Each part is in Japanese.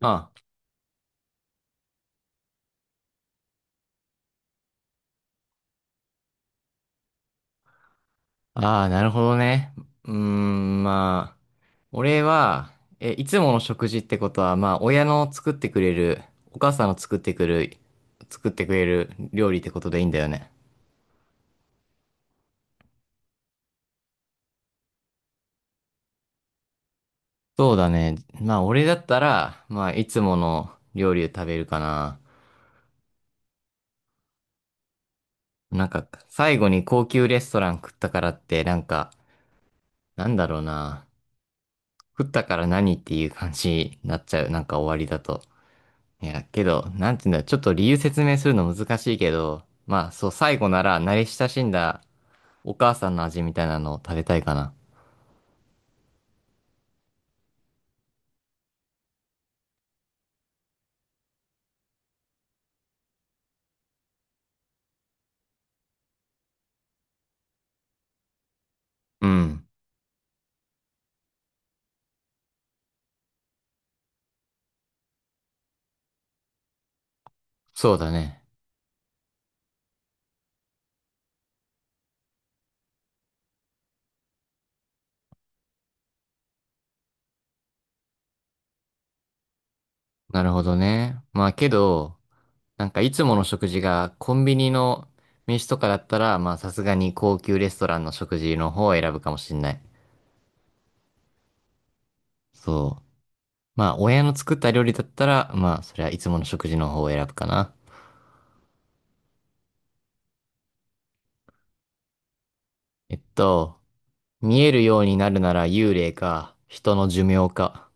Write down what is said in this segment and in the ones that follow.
あ、ああ、なるほどね。うーん、まあ、俺は、いつもの食事ってことは、まあ、親の作ってくれる、お母さんの作ってくる、作ってくれる料理ってことでいいんだよね。そうだね。まあ、俺だったら、まあ、いつもの料理を食べるかな。なんか、最後に高級レストラン食ったからって、なんだろうな。食ったから何っていう感じになっちゃう。なんか終わりだと。いや、けど、なんていうんだ、ちょっと理由説明するの難しいけど、まあ、そう、最後なら慣れ親しんだお母さんの味みたいなのを食べたいかな。うん。そうだね。なるほどね。まあ、けど、なんかいつもの食事がコンビニの飯とかだったら、まあ、さすがに高級レストランの食事の方を選ぶかもしんない。そう。まあ、親の作った料理だったら、まあ、それはいつもの食事の方を選ぶかな。えっと、見えるようになるなら幽霊か、人の寿命か。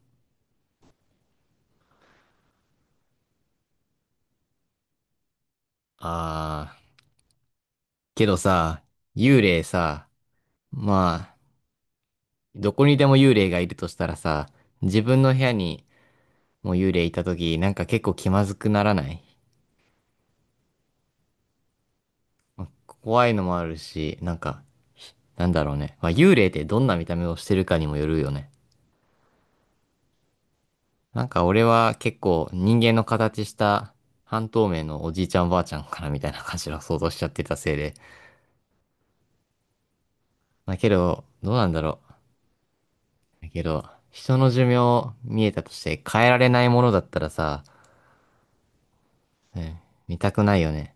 あー、けどさ、幽霊さ、まあ、どこにでも幽霊がいるとしたらさ、自分の部屋にも幽霊いたとき、なんか結構気まずくならない？怖いのもあるし、なんだろうね。まあ、幽霊ってどんな見た目をしてるかにもよるよね。なんか俺は結構人間の形した半透明のおじいちゃんおばあちゃんかなみたいな感じの想像しちゃってたせいで。まあけど、どうなんだろう。だけど、人の寿命見えたとして変えられないものだったらさ、うん。見たくないよね。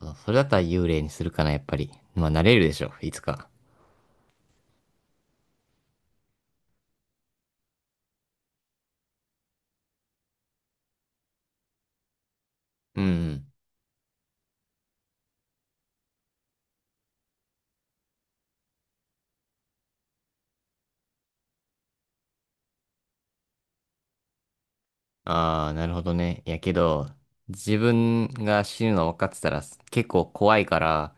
そうそれだったら幽霊にするかな、やっぱり。まあ、なれるでしょ、いつか。うんうん。ああ、なるほどね。いやけど、自分が死ぬの分かってたら結構怖いから、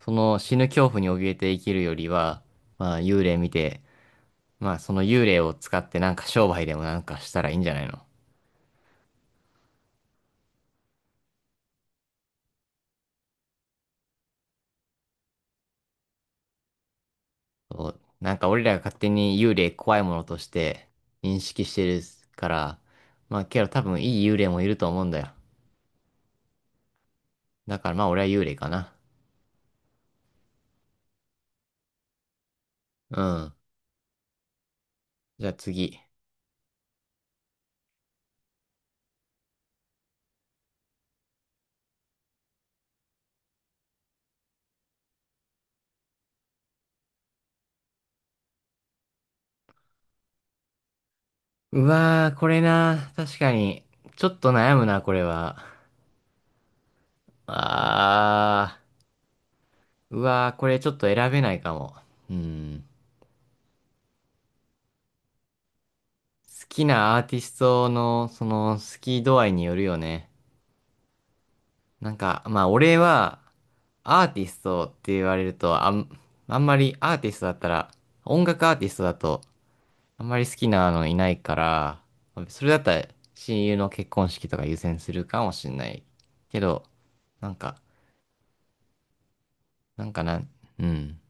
その死ぬ恐怖に怯えて生きるよりは、まあ、幽霊見て、まあ、その幽霊を使ってなんか商売でもなんかしたらいいんじゃないの？そうなんか俺らが勝手に幽霊怖いものとして認識してるから、まあ、けど多分いい幽霊もいると思うんだよ。だからまあ、俺は幽霊かな。うん。じゃあ次。うわー、これな。確かに。ちょっと悩むな、これは。あー。うわー、これちょっと選べないかも。うん。好きなアーティストの、その、好き度合いによるよね。なんか、まあ、俺は、アーティストって言われると、あんまりアーティストだったら、音楽アーティストだと、あんまり好きなのいないから、それだったら、親友の結婚式とか優先するかもしんない。けど、なんか、なんかな、うん。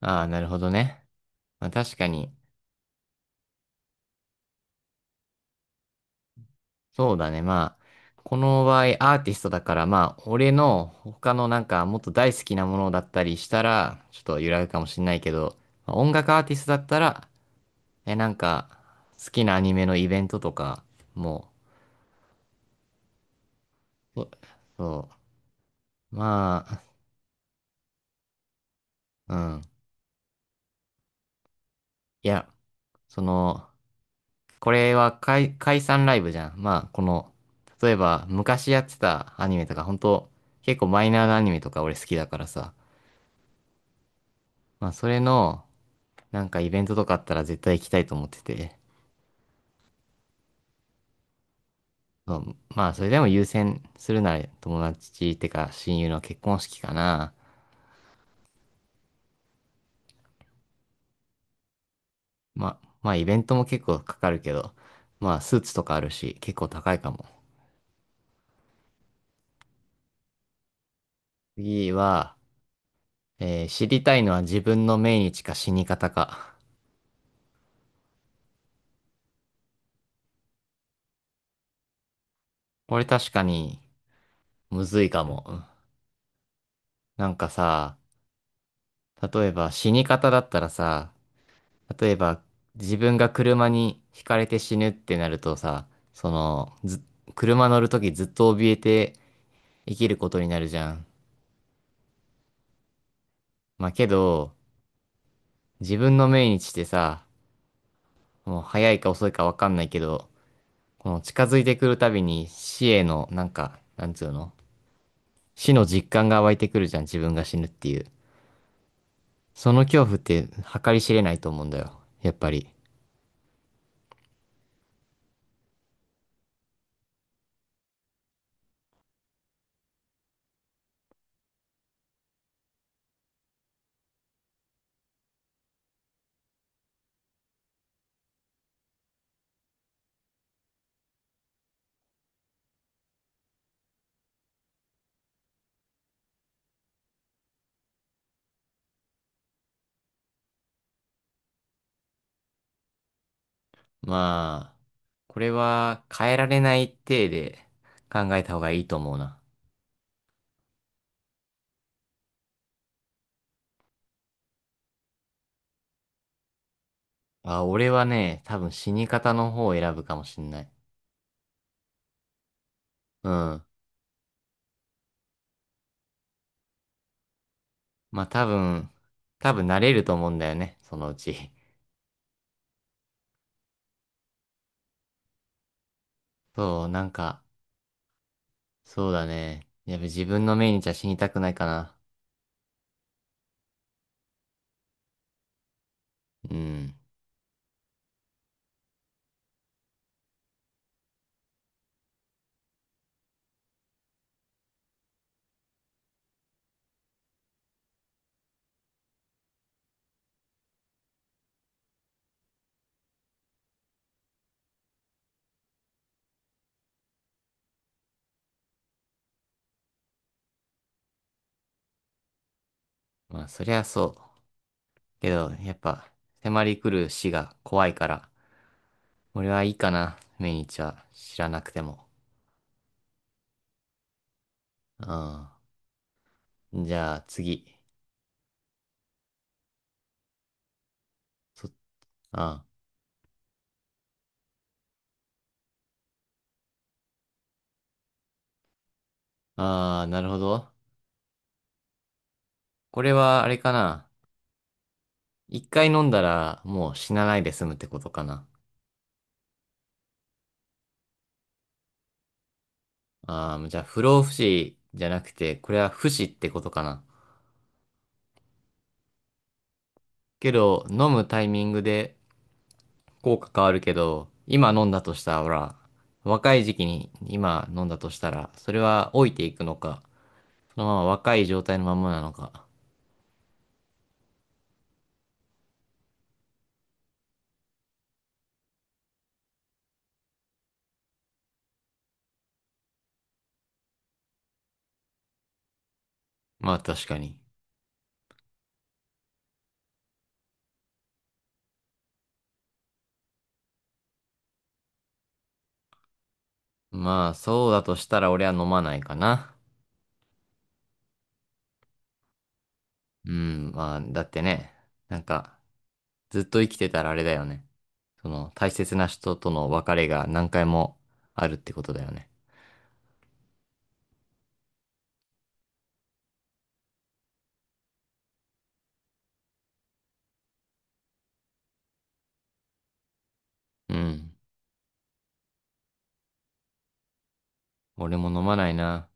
ああ、なるほどね。まあ確かに、そうだね。まあ、この場合アーティストだから、まあ、俺の他のなんかもっと大好きなものだったりしたら、ちょっと揺らぐかもしんないけど、まあ音楽アーティストだったら、え、なんか、好きなアニメのイベントとか、もう、そそう、まあ、うん。いや、その、これは解、解散ライブじゃん。まあ、この、例えば昔やってたアニメとか、本当結構マイナーなアニメとか俺好きだからさ。まあ、それの、なんかイベントとかあったら絶対行きたいと思ってて。そうまあ、それでも優先するなら友達ってか親友の結婚式かな。まあ、まあ、イベントも結構かかるけど、まあ、スーツとかあるし、結構高いかも。次は、えー知りたいのは自分の命日か死に方か。これ確かに、むずいかも。なんかさ、例えば死に方だったらさ、例えば自分が車にひかれて死ぬってなるとさ、その、ず、車乗るときずっと怯えて生きることになるじゃん。まあけど、自分の命日ってさ、もう早いか遅いかわかんないけど、この近づいてくるたびに死への、なんか、なんつうの、死の実感が湧いてくるじゃん、自分が死ぬっていう。その恐怖って計り知れないと思うんだよ、やっぱり。まあ、これは変えられない体で考えた方がいいと思うな。あ、俺はね、多分死に方の方を選ぶかもしんない。うん。まあ多分、多分慣れると思うんだよね、そのうち。そう、そうだね。やっぱ自分の命日は死にたくないかな。うん。まあそりゃそう。けど、やっぱ、迫り来る死が怖いから、俺はいいかな、命日は知らなくても。うん。じゃあ次。そ、うん。ああ、なるほど。これはあれかな。一回飲んだらもう死なないで済むってことかな。ああ、じゃあ不老不死じゃなくて、これは不死ってことかな。けど、飲むタイミングで効果変わるけど、今飲んだとしたら、ほら、若い時期に今飲んだとしたら、それは老いていくのか、そのまま若い状態のままなのか。まあ確かに。まあそうだとしたら俺は飲まないかな。うん、まあだってね、なんかずっと生きてたらあれだよね。その大切な人との別れが何回もあるってことだよね。うん。俺も飲まないな。